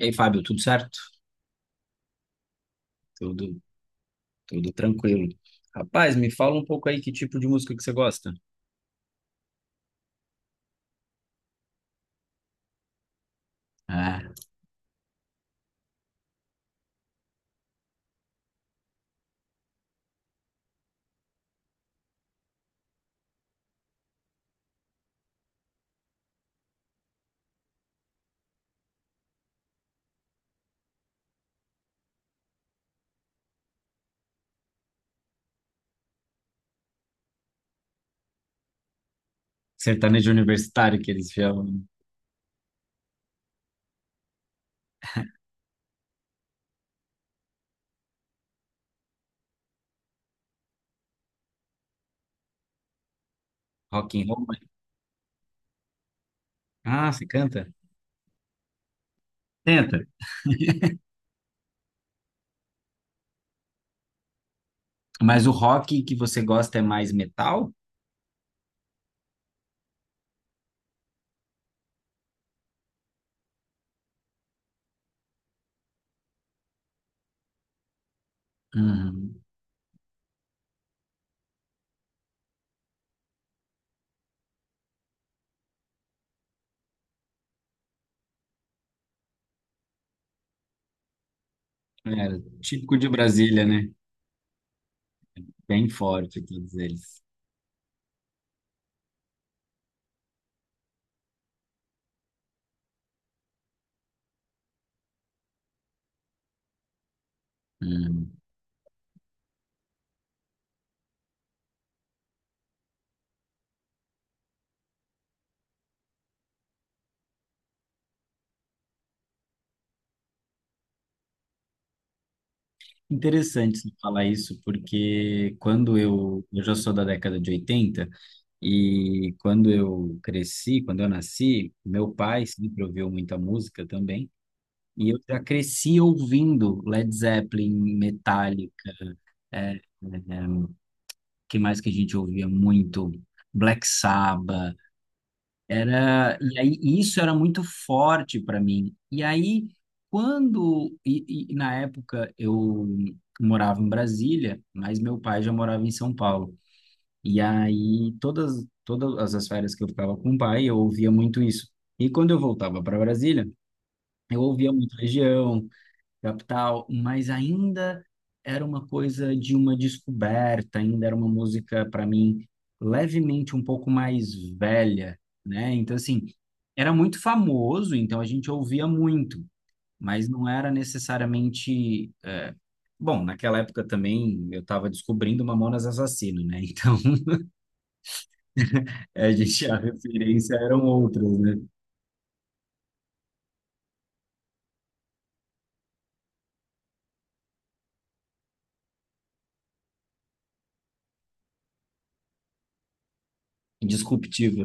E aí, Fábio, tudo certo? Tudo, tudo tranquilo. Rapaz, me fala um pouco aí que tipo de música que você gosta? Ah, sertanejo universitário que eles chamam rock and roll. Né? Ah, você canta? Tenta. Mas o rock que você gosta é mais metal? Uhum. É, típico de Brasília, né? Bem forte, todos eles. Uhum. Interessante você falar isso, porque quando eu já sou da década de 80 e quando eu cresci, quando eu nasci, meu pai sempre ouviu muita música também, e eu já cresci ouvindo Led Zeppelin, Metallica, é, é, que mais que a gente ouvia muito? Black Sabbath, era, e aí isso era muito forte para mim. E aí quando e na época eu morava em Brasília, mas meu pai já morava em São Paulo. E aí todas as férias que eu ficava com o pai, eu ouvia muito isso. E quando eu voltava para Brasília, eu ouvia muito Legião, Capital, mas ainda era uma coisa de uma descoberta, ainda era uma música para mim levemente um pouco mais velha, né? Então assim, era muito famoso, então a gente ouvia muito, mas não era necessariamente, bom, naquela época também eu estava descobrindo Mamonas Assassino, né? Então a gente a referência eram outras, né? Disruptiva.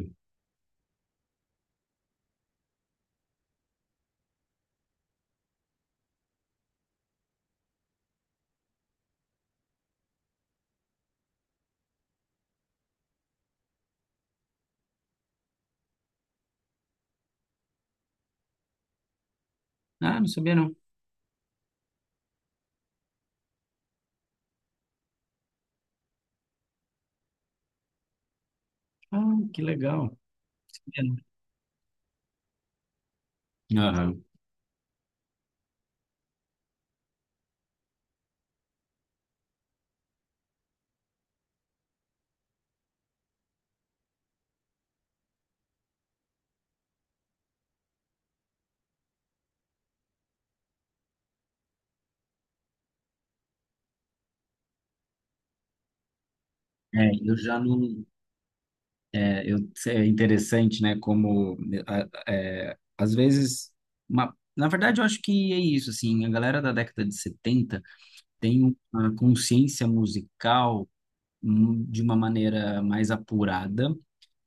Ah, não sabia não. Ah, que legal. Sabia não. Aham. É, eu já não. É, eu, é interessante, né? Como é, às vezes, na verdade, eu acho que é isso, assim, a galera da década de 70 tem uma consciência musical de uma maneira mais apurada,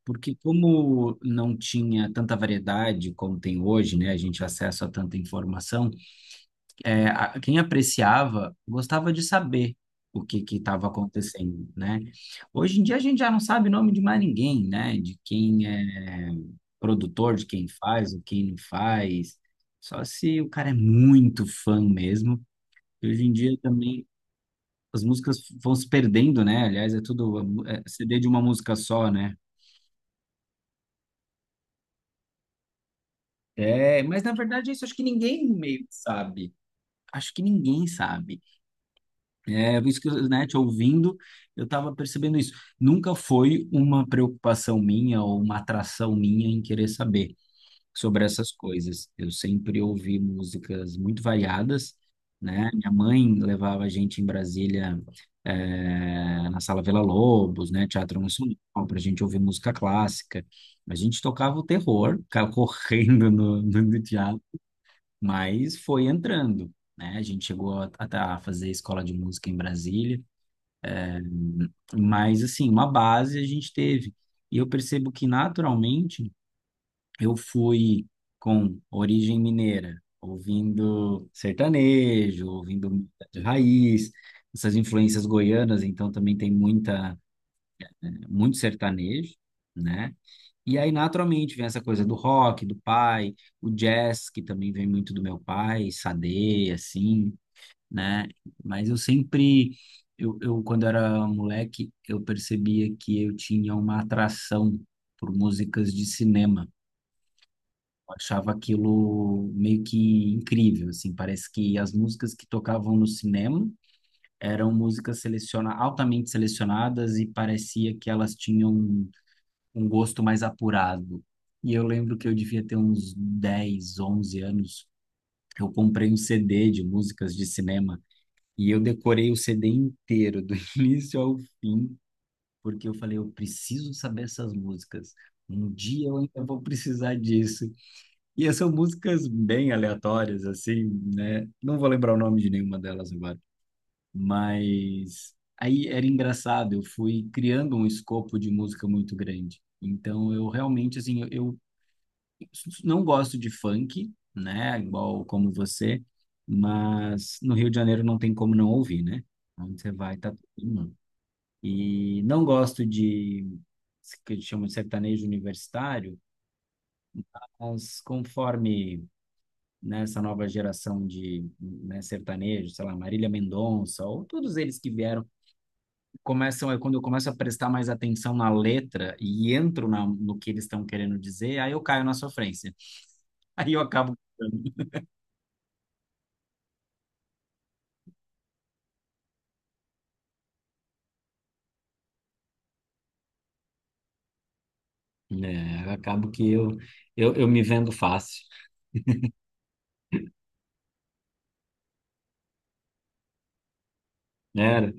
porque como não tinha tanta variedade como tem hoje, né? A gente acessa a tanta informação, é, a- quem apreciava gostava de saber o que que estava acontecendo, né? Hoje em dia a gente já não sabe o nome de mais ninguém, né? De quem é produtor, de quem faz, o quem não faz. Só se o cara é muito fã mesmo. E hoje em dia também as músicas vão se perdendo, né? Aliás, é tudo é CD de uma música só, né? É, mas na verdade isso acho que ninguém meio que sabe. Acho que ninguém sabe. É, isso que, eu, né, te ouvindo, eu estava percebendo isso. Nunca foi uma preocupação minha ou uma atração minha em querer saber sobre essas coisas. Eu sempre ouvi músicas muito variadas, né? Minha mãe levava a gente em Brasília, na Sala Vila lobos né, Teatro Nacional, para a gente ouvir música clássica. A gente tocava o terror, ficava correndo no teatro, mas foi entrando. Né? A gente chegou a fazer escola de música em Brasília, mas, assim, uma base a gente teve. E eu percebo que, naturalmente, eu fui com origem mineira, ouvindo sertanejo, ouvindo música de raiz, essas influências goianas, então também tem muita, muito sertanejo, né? E aí, naturalmente, vem essa coisa do rock, do pai, o jazz, que também vem muito do meu pai, Sade, assim né? Mas eu sempre, eu quando era moleque, eu percebia que eu tinha uma atração por músicas de cinema. Eu achava aquilo meio que incrível, assim, parece que as músicas que tocavam no cinema eram músicas seleciona altamente selecionadas e parecia que elas tinham um gosto mais apurado. E eu lembro que eu devia ter uns 10 11 anos. Eu comprei um CD de músicas de cinema e eu decorei o CD inteiro, do início ao fim, porque eu falei, eu preciso saber essas músicas. Um dia eu ainda vou precisar disso. E são músicas bem aleatórias, assim, né? Não vou lembrar o nome de nenhuma delas agora. Mas aí era engraçado, eu fui criando um escopo de música muito grande. Então eu realmente, assim, eu, não gosto de funk, né? Igual como você, mas no Rio de Janeiro não tem como não ouvir, né? Onde você vai, tá todo mundo. E não gosto de que eles chamam de sertanejo universitário, mas conforme nessa nova geração de né, sertanejo, sei lá, Marília Mendonça, ou todos eles que vieram, começam, aí quando eu começo a prestar mais atenção na letra e entro na, no que eles estão querendo dizer, aí eu caio na sofrência. Aí eu acabo. Né? Acabo que eu, me vendo fácil, né?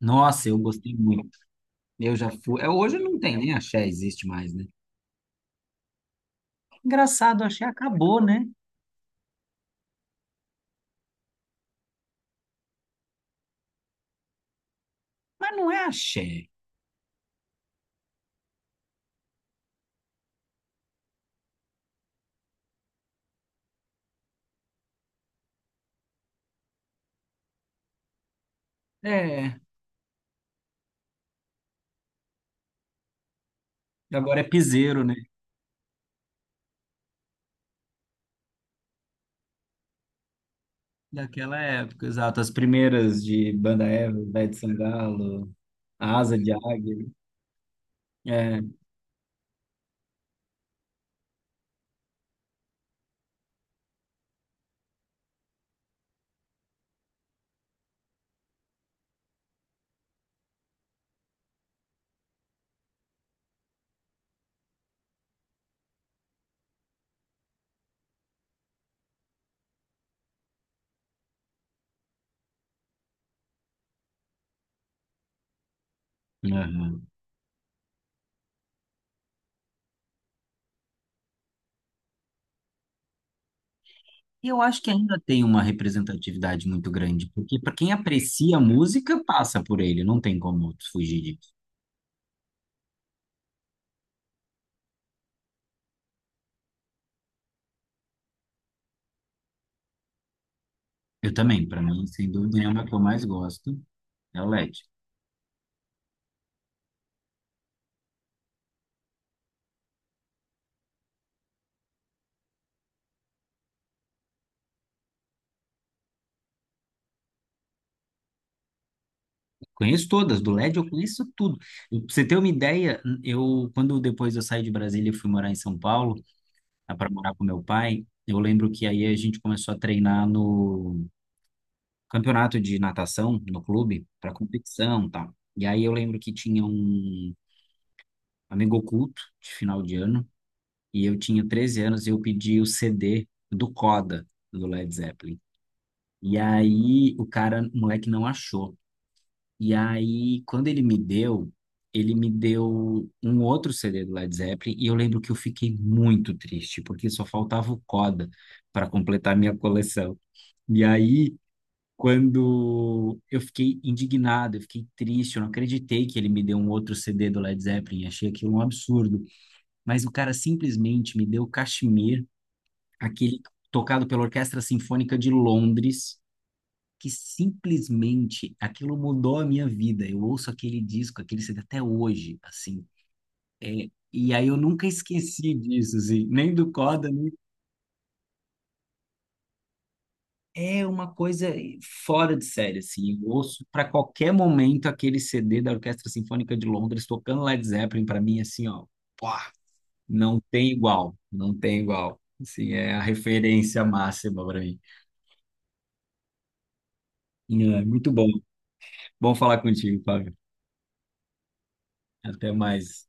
Nossa, eu gostei muito. Eu já fui. É, hoje não tem nem axé, existe mais, né? Engraçado, axé acabou, né? Mas não é axé. É, agora é piseiro, né? Daquela época, exato. As primeiras de Banda Eva, Ivete de Sangalo, Asa de Águia. É. Aham. Eu acho que ainda tem uma representatividade muito grande, porque para quem aprecia a música, passa por ele, não tem como fugir. Eu também, para mim, sem dúvida nenhuma, a que eu mais gosto é o LED. Conheço todas, do LED eu conheço tudo. Pra você ter uma ideia, eu quando depois eu saí de Brasília e fui morar em São Paulo, para morar com meu pai, eu lembro que aí a gente começou a treinar no campeonato de natação no clube, para competição, e tal. E aí eu lembro que tinha um amigo oculto de final de ano, e eu tinha 13 anos e eu pedi o CD do Coda do Led Zeppelin. E aí o cara, o moleque não achou. E aí, quando ele me deu um outro CD do Led Zeppelin e eu lembro que eu fiquei muito triste, porque só faltava o Coda para completar a minha coleção. E aí, quando eu fiquei indignado, eu fiquei triste, eu não acreditei que ele me deu um outro CD do Led Zeppelin, achei aquilo um absurdo. Mas o cara simplesmente me deu Kashmir, aquele tocado pela Orquestra Sinfônica de Londres que simplesmente aquilo mudou a minha vida. Eu ouço aquele disco, aquele CD até hoje, assim. E aí eu nunca esqueci disso, assim, nem do Coda, nem... É uma coisa fora de série, assim. Eu ouço para qualquer momento aquele CD da Orquestra Sinfônica de Londres tocando Led Zeppelin para mim, assim, ó, pô, não tem igual, não tem igual. Assim, é a referência máxima para mim. É, muito bom. Bom falar contigo, Fábio. Até mais.